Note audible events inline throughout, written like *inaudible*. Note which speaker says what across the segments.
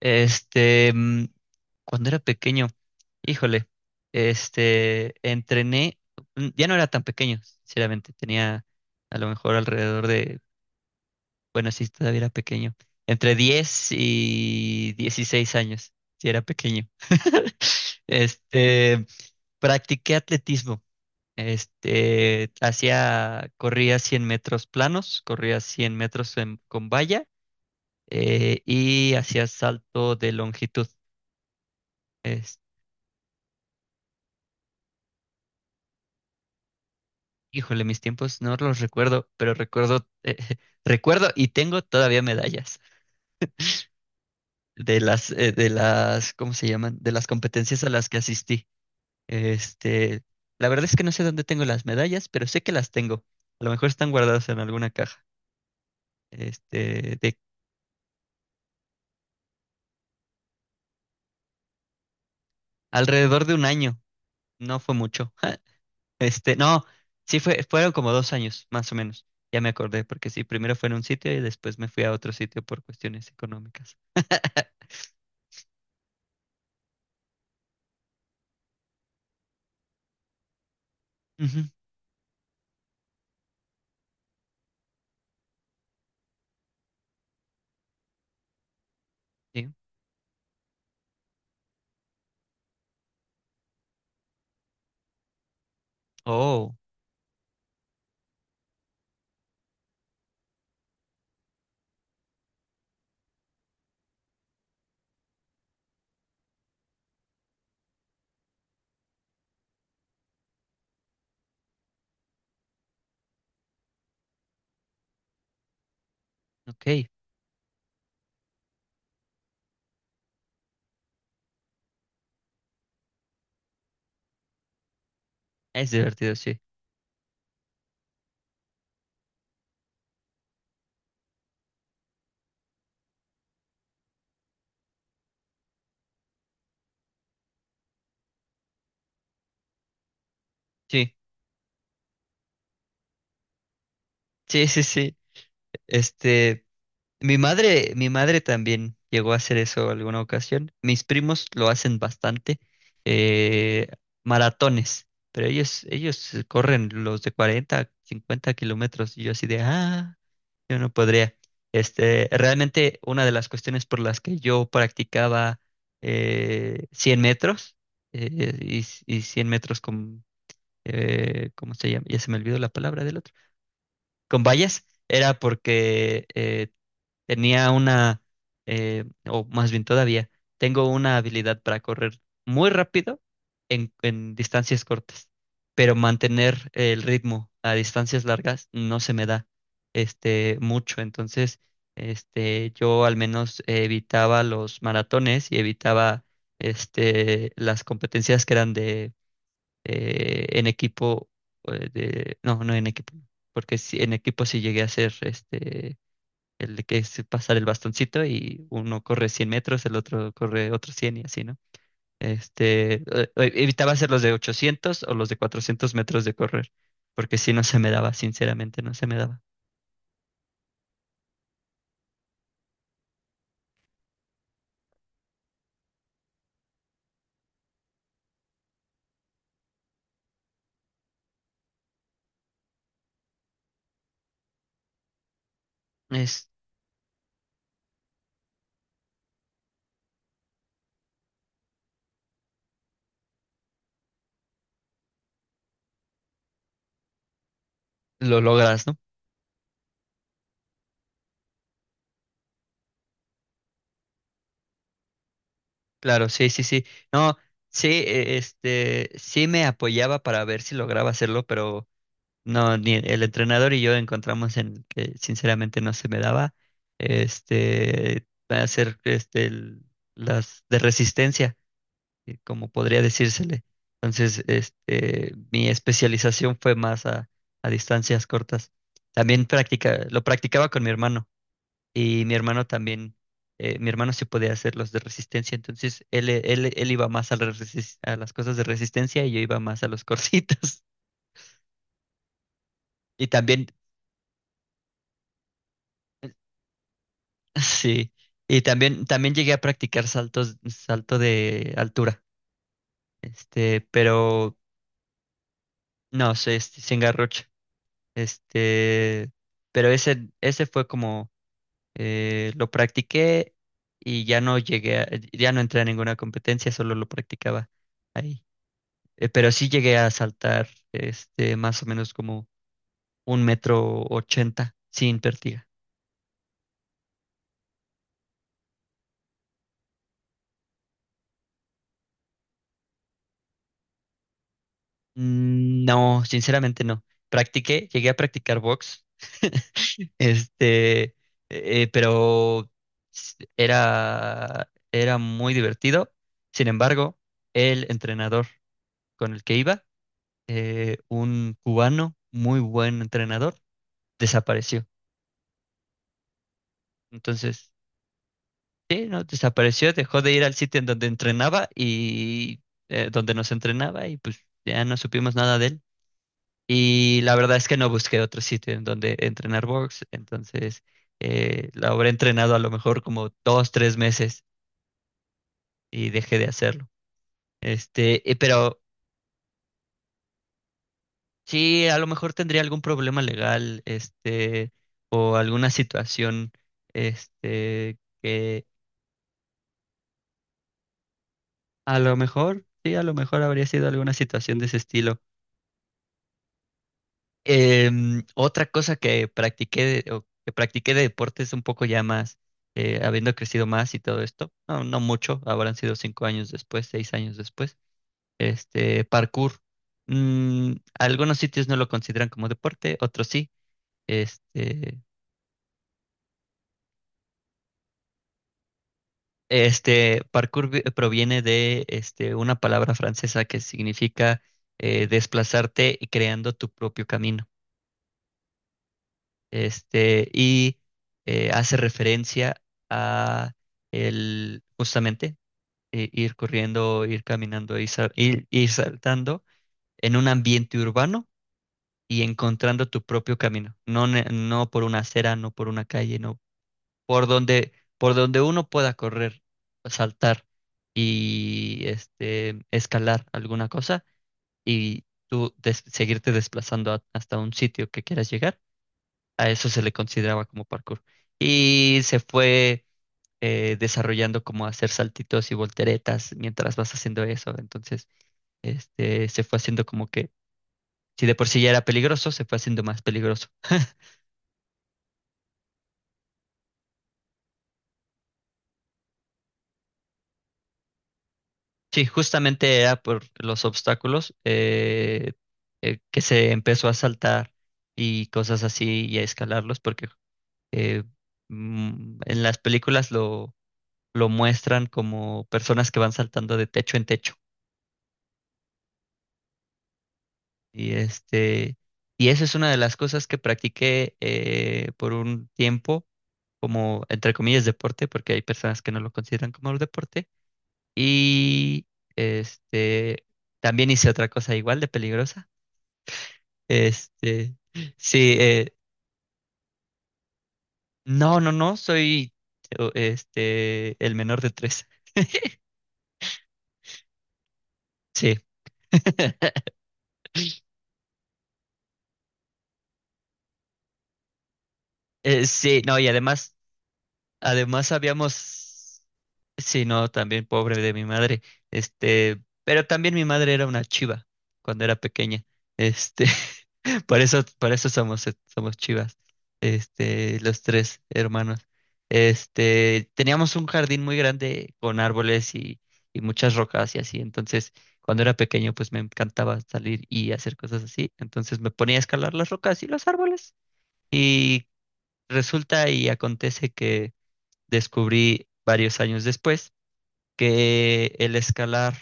Speaker 1: Este, mm, Cuando era pequeño, híjole, entrené. Ya no era tan pequeño, sinceramente, tenía a lo mejor alrededor de, bueno, sí, todavía era pequeño, entre 10 y 16 años, sí era pequeño. *laughs* Este, Practiqué atletismo. Hacía, corría 100 metros planos, corría 100 metros con valla, y hacía salto de longitud. Híjole, mis tiempos no los recuerdo, pero recuerdo, *laughs* recuerdo y tengo todavía medallas de las, ¿cómo se llaman? De las competencias a las que asistí. Este, la verdad es que no sé dónde tengo las medallas, pero sé que las tengo. A lo mejor están guardadas en alguna caja. Este, de Alrededor de un año. No fue mucho. *laughs* No, sí fue, fueron como 2 años, más o menos. Ya me acordé, porque sí, primero fue en un sitio y después me fui a otro sitio por cuestiones económicas. *laughs* Ujú, sí. Oh. Ok, es divertido, sí. Sí, sí, sí, sí. Este, mi madre también llegó a hacer eso alguna ocasión. Mis primos lo hacen bastante, eh, maratones, pero ellos corren los de 40, 50 kilómetros y yo así de, ah, yo no podría. Realmente, una de las cuestiones por las que yo practicaba, 100 metros, y 100 metros, ¿cómo se llama? Ya se me olvidó la palabra del otro. Con vallas, era porque tenía una, o más bien todavía, tengo una habilidad para correr muy rápido en distancias cortas, pero mantener el ritmo a distancias largas no se me da mucho. Entonces, yo al menos evitaba los maratones y evitaba, las competencias que eran de, en equipo, de, no, no en equipo, porque sí, en equipo sí llegué a hacer, el de que es pasar el bastoncito y uno corre 100 metros, el otro corre otros 100 y así, ¿no? Este, eh, eh, Evitaba hacer los de 800 o los de 400 metros de correr, porque si no se me daba, sinceramente no se me daba. Es, lo logras, ¿no? Claro, sí, sí, sí. No, sí, sí me apoyaba para ver si lograba hacerlo, pero no, ni el entrenador y yo encontramos en que sinceramente no se me daba hacer las de resistencia, como podría decírsele. Entonces, mi especialización fue más a distancias cortas. También lo practicaba con mi hermano, y mi hermano también, mi hermano sí podía hacer los de resistencia, entonces él iba más a las cosas de resistencia, y yo iba más a los corsitos. *laughs* Y también. Sí, y también llegué a practicar saltos, salto de altura, pero no, se engarrocha, este, pero ese fue como, lo practiqué y ya no llegué, ya no entré a ninguna competencia, solo lo practicaba ahí. Pero sí llegué a saltar, más o menos, como un metro ochenta sin pértiga. No, sinceramente no, practiqué, llegué a practicar box. *laughs* Este, pero era muy divertido. Sin embargo, el entrenador con el que iba, un cubano, muy buen entrenador, desapareció. Entonces, sí, no, desapareció, dejó de ir al sitio en donde entrenaba, y, donde nos entrenaba, y pues ya no supimos nada de él. Y la verdad es que no busqué otro sitio en donde entrenar box. Entonces, la habré entrenado a lo mejor como 2, 3 meses, y dejé de hacerlo. Pero sí, a lo mejor tendría algún problema legal, o alguna situación, que a lo mejor, sí, a lo mejor habría sido alguna situación de ese estilo. Otra cosa que practiqué, o que practiqué de deportes un poco ya más, habiendo crecido más y todo esto, no, no mucho, habrán sido 5 años después, 6 años después, parkour. Mm, Algunos sitios no lo consideran como deporte, otros sí. Este, este parkour proviene de, una palabra francesa que significa, desplazarte y creando tu propio camino. Y, hace referencia a el, justamente, ir corriendo, ir caminando, y ir saltando en un ambiente urbano y encontrando tu propio camino. No, no por una acera, no por una calle, no. por donde, por donde uno pueda correr, saltar, y, escalar alguna cosa, y tú seguirte desplazando hasta un sitio que quieras llegar. A eso se le consideraba como parkour. Y se fue, desarrollando como hacer saltitos y volteretas mientras vas haciendo eso. Entonces, se fue haciendo como que, si de por sí ya era peligroso, se fue haciendo más peligroso. Sí, justamente era por los obstáculos, que se empezó a saltar y cosas así y a escalarlos, porque eh, en las películas, lo muestran como personas que van saltando de techo en techo. Y, y eso es una de las cosas que practiqué, por un tiempo, como entre comillas deporte, porque hay personas que no lo consideran como un deporte. Y, este, también hice otra cosa igual de peligrosa. Este, sí, no, no, no, soy el menor de tres. Sí. *laughs* Sí, no, y además, habíamos, sí, no, también pobre de mi madre, pero también mi madre era una chiva cuando era pequeña. este, *laughs* por eso somos, somos chivas, los tres hermanos. Teníamos un jardín muy grande con árboles y muchas rocas y así. Entonces, cuando era pequeño, pues me encantaba salir y hacer cosas así, entonces me ponía a escalar las rocas y los árboles, y resulta y acontece que descubrí varios años después que el escalar,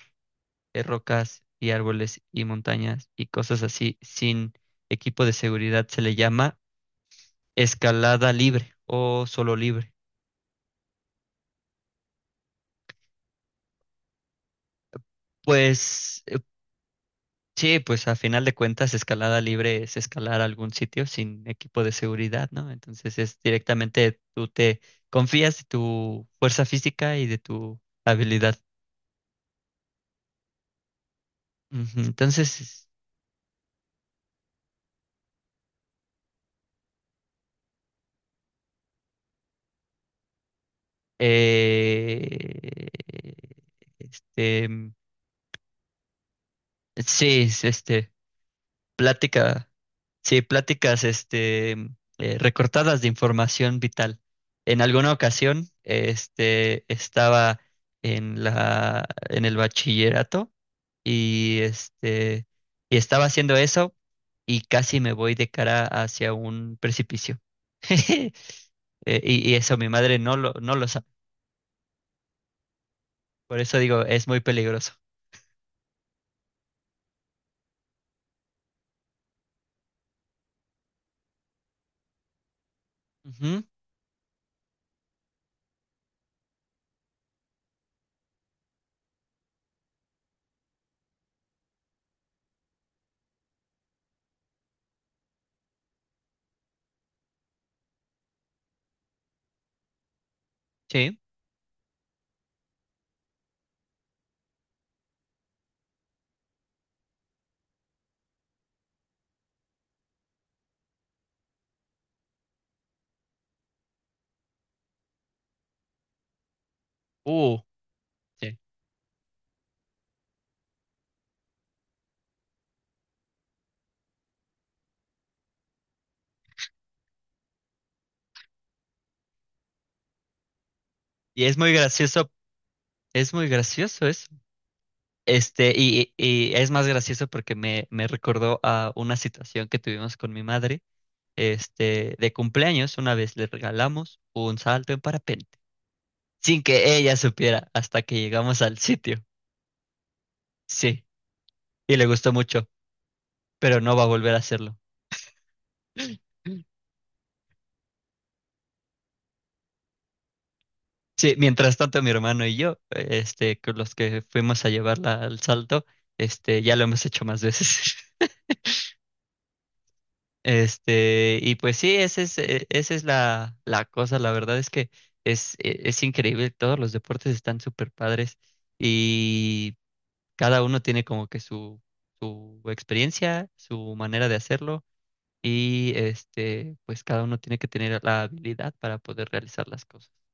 Speaker 1: rocas y árboles y montañas y cosas así sin equipo de seguridad, se le llama escalada libre o solo libre. Pues, sí, pues a final de cuentas escalada libre es escalar algún sitio sin equipo de seguridad, ¿no? Entonces es directamente tú te confías de tu fuerza física y de tu habilidad. Ujú. Entonces, Eh, este, mm, sí, es, plática, sí, pláticas, recortadas de información vital. En alguna ocasión, estaba en el bachillerato, y, y estaba haciendo eso, y casi me voy de cara hacia un precipicio. *laughs* Y eso, mi madre no lo sabe. Por eso digo, es muy peligroso. Ujú, sí. Uh, sí. Y es muy gracioso eso. Y es más gracioso porque me recordó a una situación que tuvimos con mi madre, de cumpleaños. Una vez le regalamos un salto en parapente, sin que ella supiera hasta que llegamos al sitio. Sí, y le gustó mucho, pero no va a volver a hacerlo. *laughs* Sí, mientras tanto mi hermano y yo, con los que fuimos a llevarla al salto, ya lo hemos hecho más veces. *laughs* Y pues sí, esa es la cosa. La verdad es que es increíble. Todos los deportes están súper padres, y cada uno tiene como que su experiencia, su manera de hacerlo, y, pues cada uno tiene que tener la habilidad para poder realizar las cosas.